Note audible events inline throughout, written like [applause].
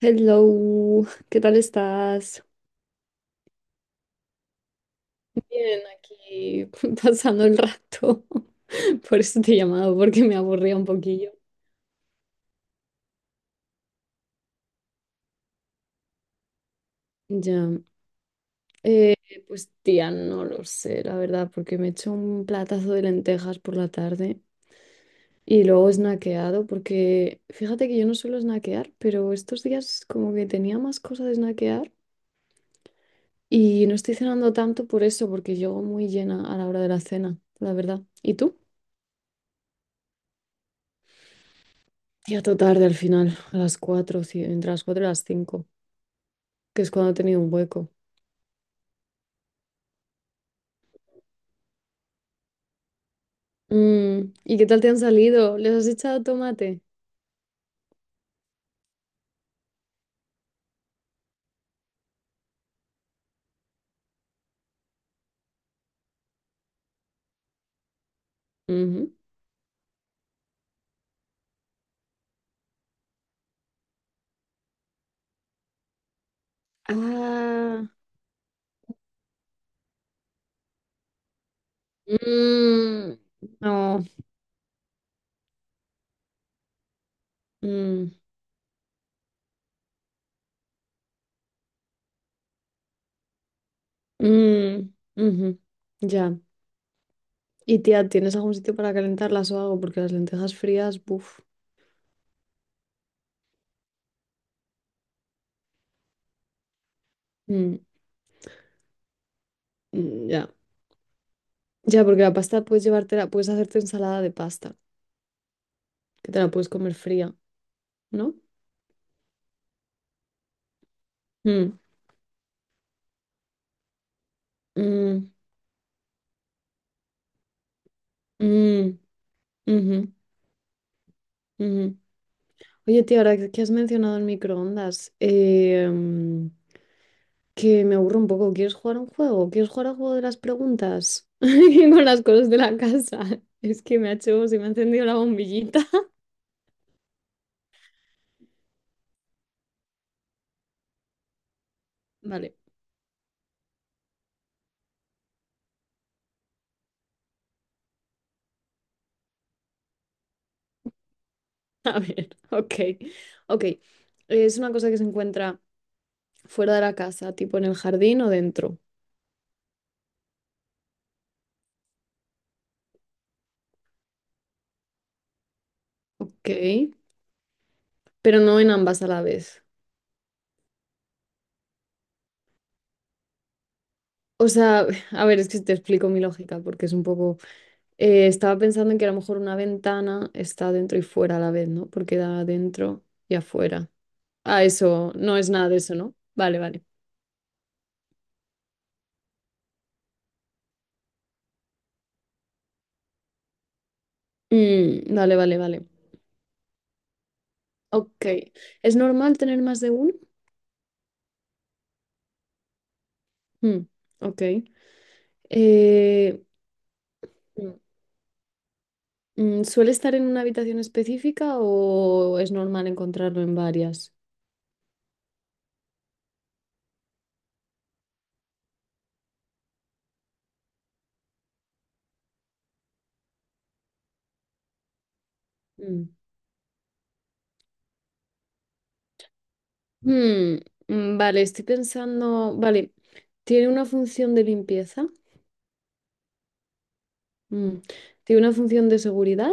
Hello, ¿qué tal estás? Bien, aquí [laughs] pasando el rato. [laughs] Por eso te he llamado, porque me aburría un poquillo. Ya, eh, pues tía, no lo sé, la verdad, porque me he hecho un platazo de lentejas por la tarde y luego he snackeado, porque fíjate que yo no suelo snackear, pero estos días como que tenía más cosas de snackear y no estoy cenando tanto por eso, porque llego muy llena a la hora de la cena, la verdad. ¿Y tú? Ya todo tarde al final, a las 4 sí, entre las 4 y las 5 que es cuando he tenido un hueco. Mm, ¿y qué tal te han salido? ¿Les has echado tomate? Ujú. Ah, mm, no, mm, mm, ujú, ya. Y tía, ¿tienes algún sitio para calentarlas o algo? Porque las lentejas frías, buf. Mm, mm, ya. Ya, porque la pasta puedes llevártela, puedes hacerte ensalada de pasta, que te la puedes comer fría, ¿no? Mm, mm, mm, ujú, ujú. Oye, tío, ahora que has mencionado el microondas, que me aburro un poco. ¿Quieres jugar a un juego? ¿Quieres jugar al juego de las preguntas? [laughs] Con las cosas de la casa. [laughs] Es que me ha hecho, se me ha encendido la bombillita. [laughs] Vale, a ver, [laughs] ok. Ok, es una cosa que se encuentra fuera de la casa, tipo en el jardín o dentro. Ok, pero no en ambas a la vez. O sea, [laughs] a ver, es que te explico mi lógica porque es un poco... Estaba pensando en que a lo mejor una ventana está dentro y fuera a la vez, ¿no? Porque da adentro y afuera. Ah, eso, no es nada de eso, ¿no? Vale, vale. Mm, vale, vale, vale. Ok. ¿Es normal tener más de uno? Mm, ok. Eh, mm, ¿Suele estar en una habitación específica o es normal encontrarlo en varias? Mm. Mm, vale, estoy pensando, vale, ¿tiene una función de limpieza? Mm. ¿Tiene una función de seguridad?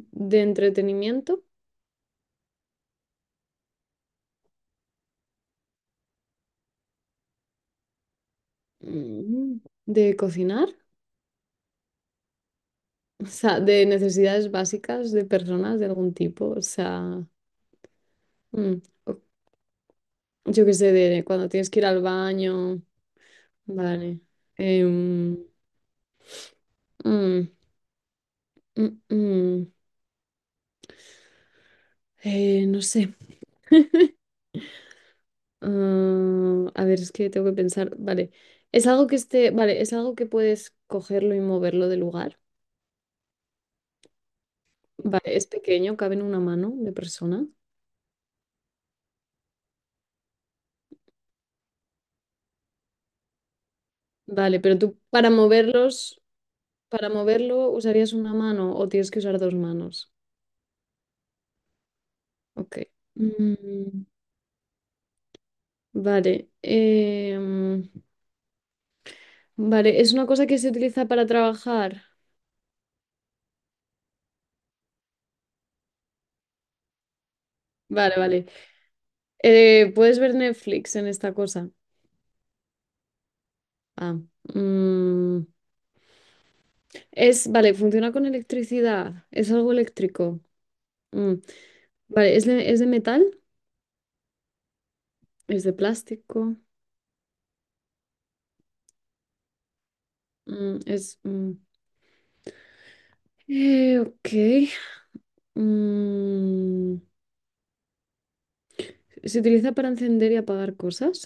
¿De entretenimiento, mm, de cocinar, o sea, de necesidades básicas de personas de algún tipo, o sea, mm, o- yo qué sé, de cuando tienes que ir al baño? Vale. em, mm, mm, mm, no sé. A ver, es que tengo que pensar, vale. Es algo que esté, vale, es algo que puedes cogerlo y moverlo de lugar. Vale, es pequeño, cabe en una mano de persona. Vale, pero tú para moverlos para moverlo, ¿usarías una mano o tienes que usar dos manos? Ok. Mm, vale. Vale, ¿es una cosa que se utiliza para trabajar? Vale, vale. ¿Puedes ver Netflix en esta cosa? Ah. mm, vale, funciona con electricidad. Es algo eléctrico. Mm, Vale, ¿es de metal? ¿Es de plástico? Mm, ok. Mm, ¿se utiliza para encender y apagar cosas?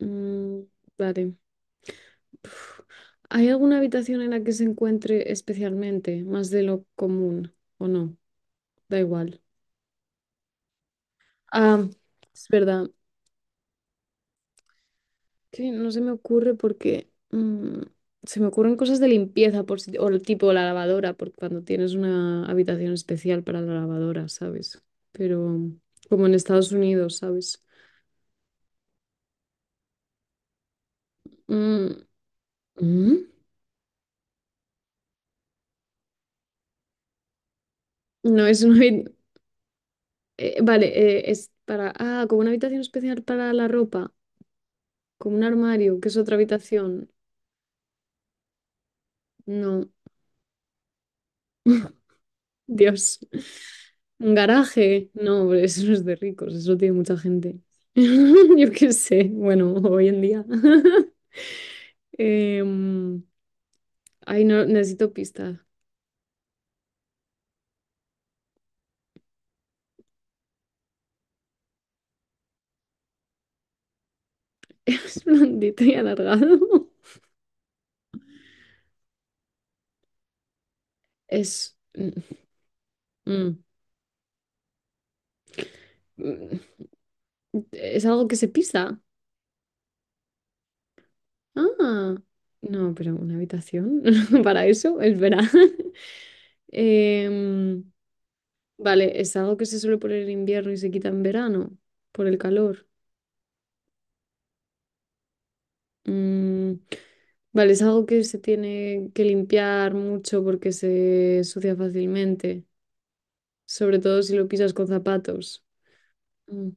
Mm, vale. Uf. ¿Hay alguna habitación en la que se encuentre especialmente más de lo común o no? Da igual. Ah, es verdad. Que no se me ocurre porque se me ocurren cosas de limpieza por si- o el tipo la lavadora, por cuando tienes una habitación especial para la lavadora, ¿sabes? Pero como en Estados Unidos, ¿sabes? Mm, ¿mm? No, es una... vale, Ah, como una habitación especial para la ropa. Como un armario, que es otra habitación. No, Dios. [laughs] Un garaje. No, hombre, eso no es de ricos, eso tiene mucha gente. [laughs] Yo qué sé, bueno, hoy en día. [laughs] Em, Ay, no, necesito pista. [laughs] Es blandito y alargado. [laughs] Es. Mm, mm, mm, Es algo que se pisa. Ah, no, pero una habitación [laughs] para eso, es verdad. [laughs] Em, Vale, es algo que se suele poner en invierno y se quita en verano por el calor. Mm, vale, es algo que se tiene que limpiar mucho porque se sucia fácilmente, sobre todo si lo pisas con zapatos. Mm.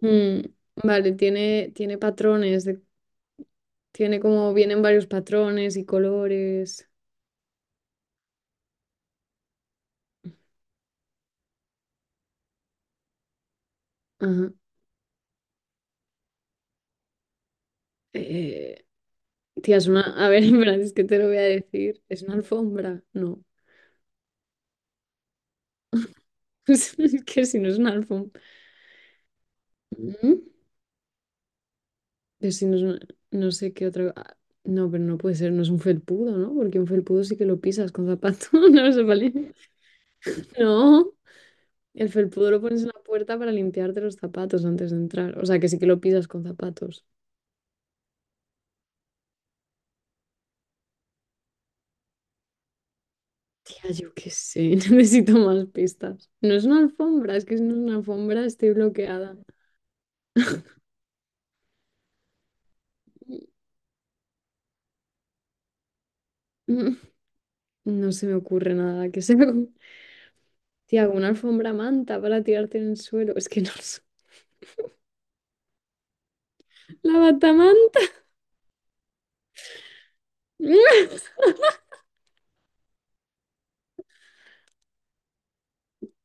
Mm, vale, tiene patrones, tiene como, vienen varios patrones y colores. Ajá. Eh, Tía, a ver, [laughs] en verdad es que te lo voy a decir, ¿es una alfombra? No, [laughs] es que si no es una alfombra. Ujú. Pero si no, no sé qué otra. No, pero no puede ser, no es un felpudo, ¿no? Porque un felpudo sí que lo pisas con zapato, [laughs] no se vale. No, el felpudo lo pones en la puerta para limpiarte los zapatos antes de entrar. O sea, que sí que lo pisas con zapatos. Tía, yo qué sé, [laughs] necesito más pistas. No es una alfombra, es que si no es una alfombra estoy bloqueada. [laughs] Mm, no se me ocurre nada que sea. Tía, una alfombra manta para tirarte en el suelo. Es que no lo sé. La batamanta.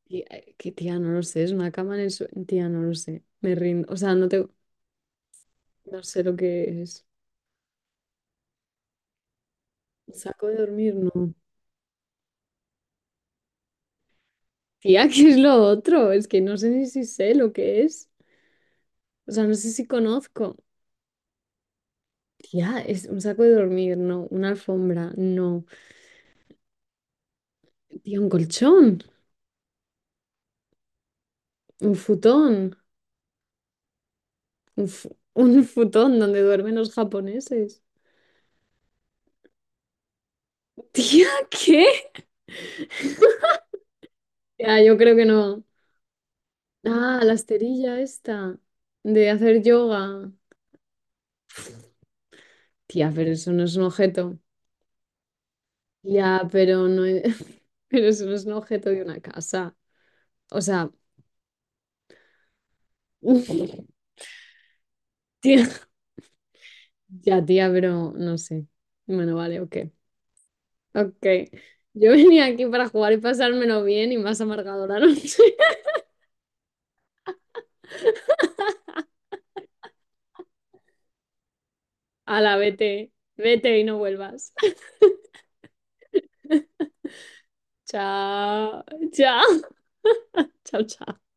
Que tía, no lo sé, es una cama en el suelo. Tía, no lo sé. Me rindo. O sea, no sé lo que es. Saco de dormir, no. Tía, [laughs] ¿qué es lo otro? Es que no sé ni si sé lo que es. O sea, no sé si conozco. Tía, es un saco de dormir, no. Una alfombra, no. Tía, un colchón, un futón, [laughs] un futón donde duermen los japoneses. [laughs] Tía, ¿qué? Tía, yo creo que no. Ah, la esterilla esta de hacer yoga. Tía, pero eso no es un objeto. Ya, pero no es... [laughs] pero eso no es un objeto de una casa. O sea, [laughs] tía, ya, tía, pero no sé. Bueno, vale, ok. Ok. Yo venía aquí para jugar y pasármelo bien y más amargado la noche. [laughs] Ala, vete, vete y no vuelvas. [laughs] Chao, chao, chao, chao.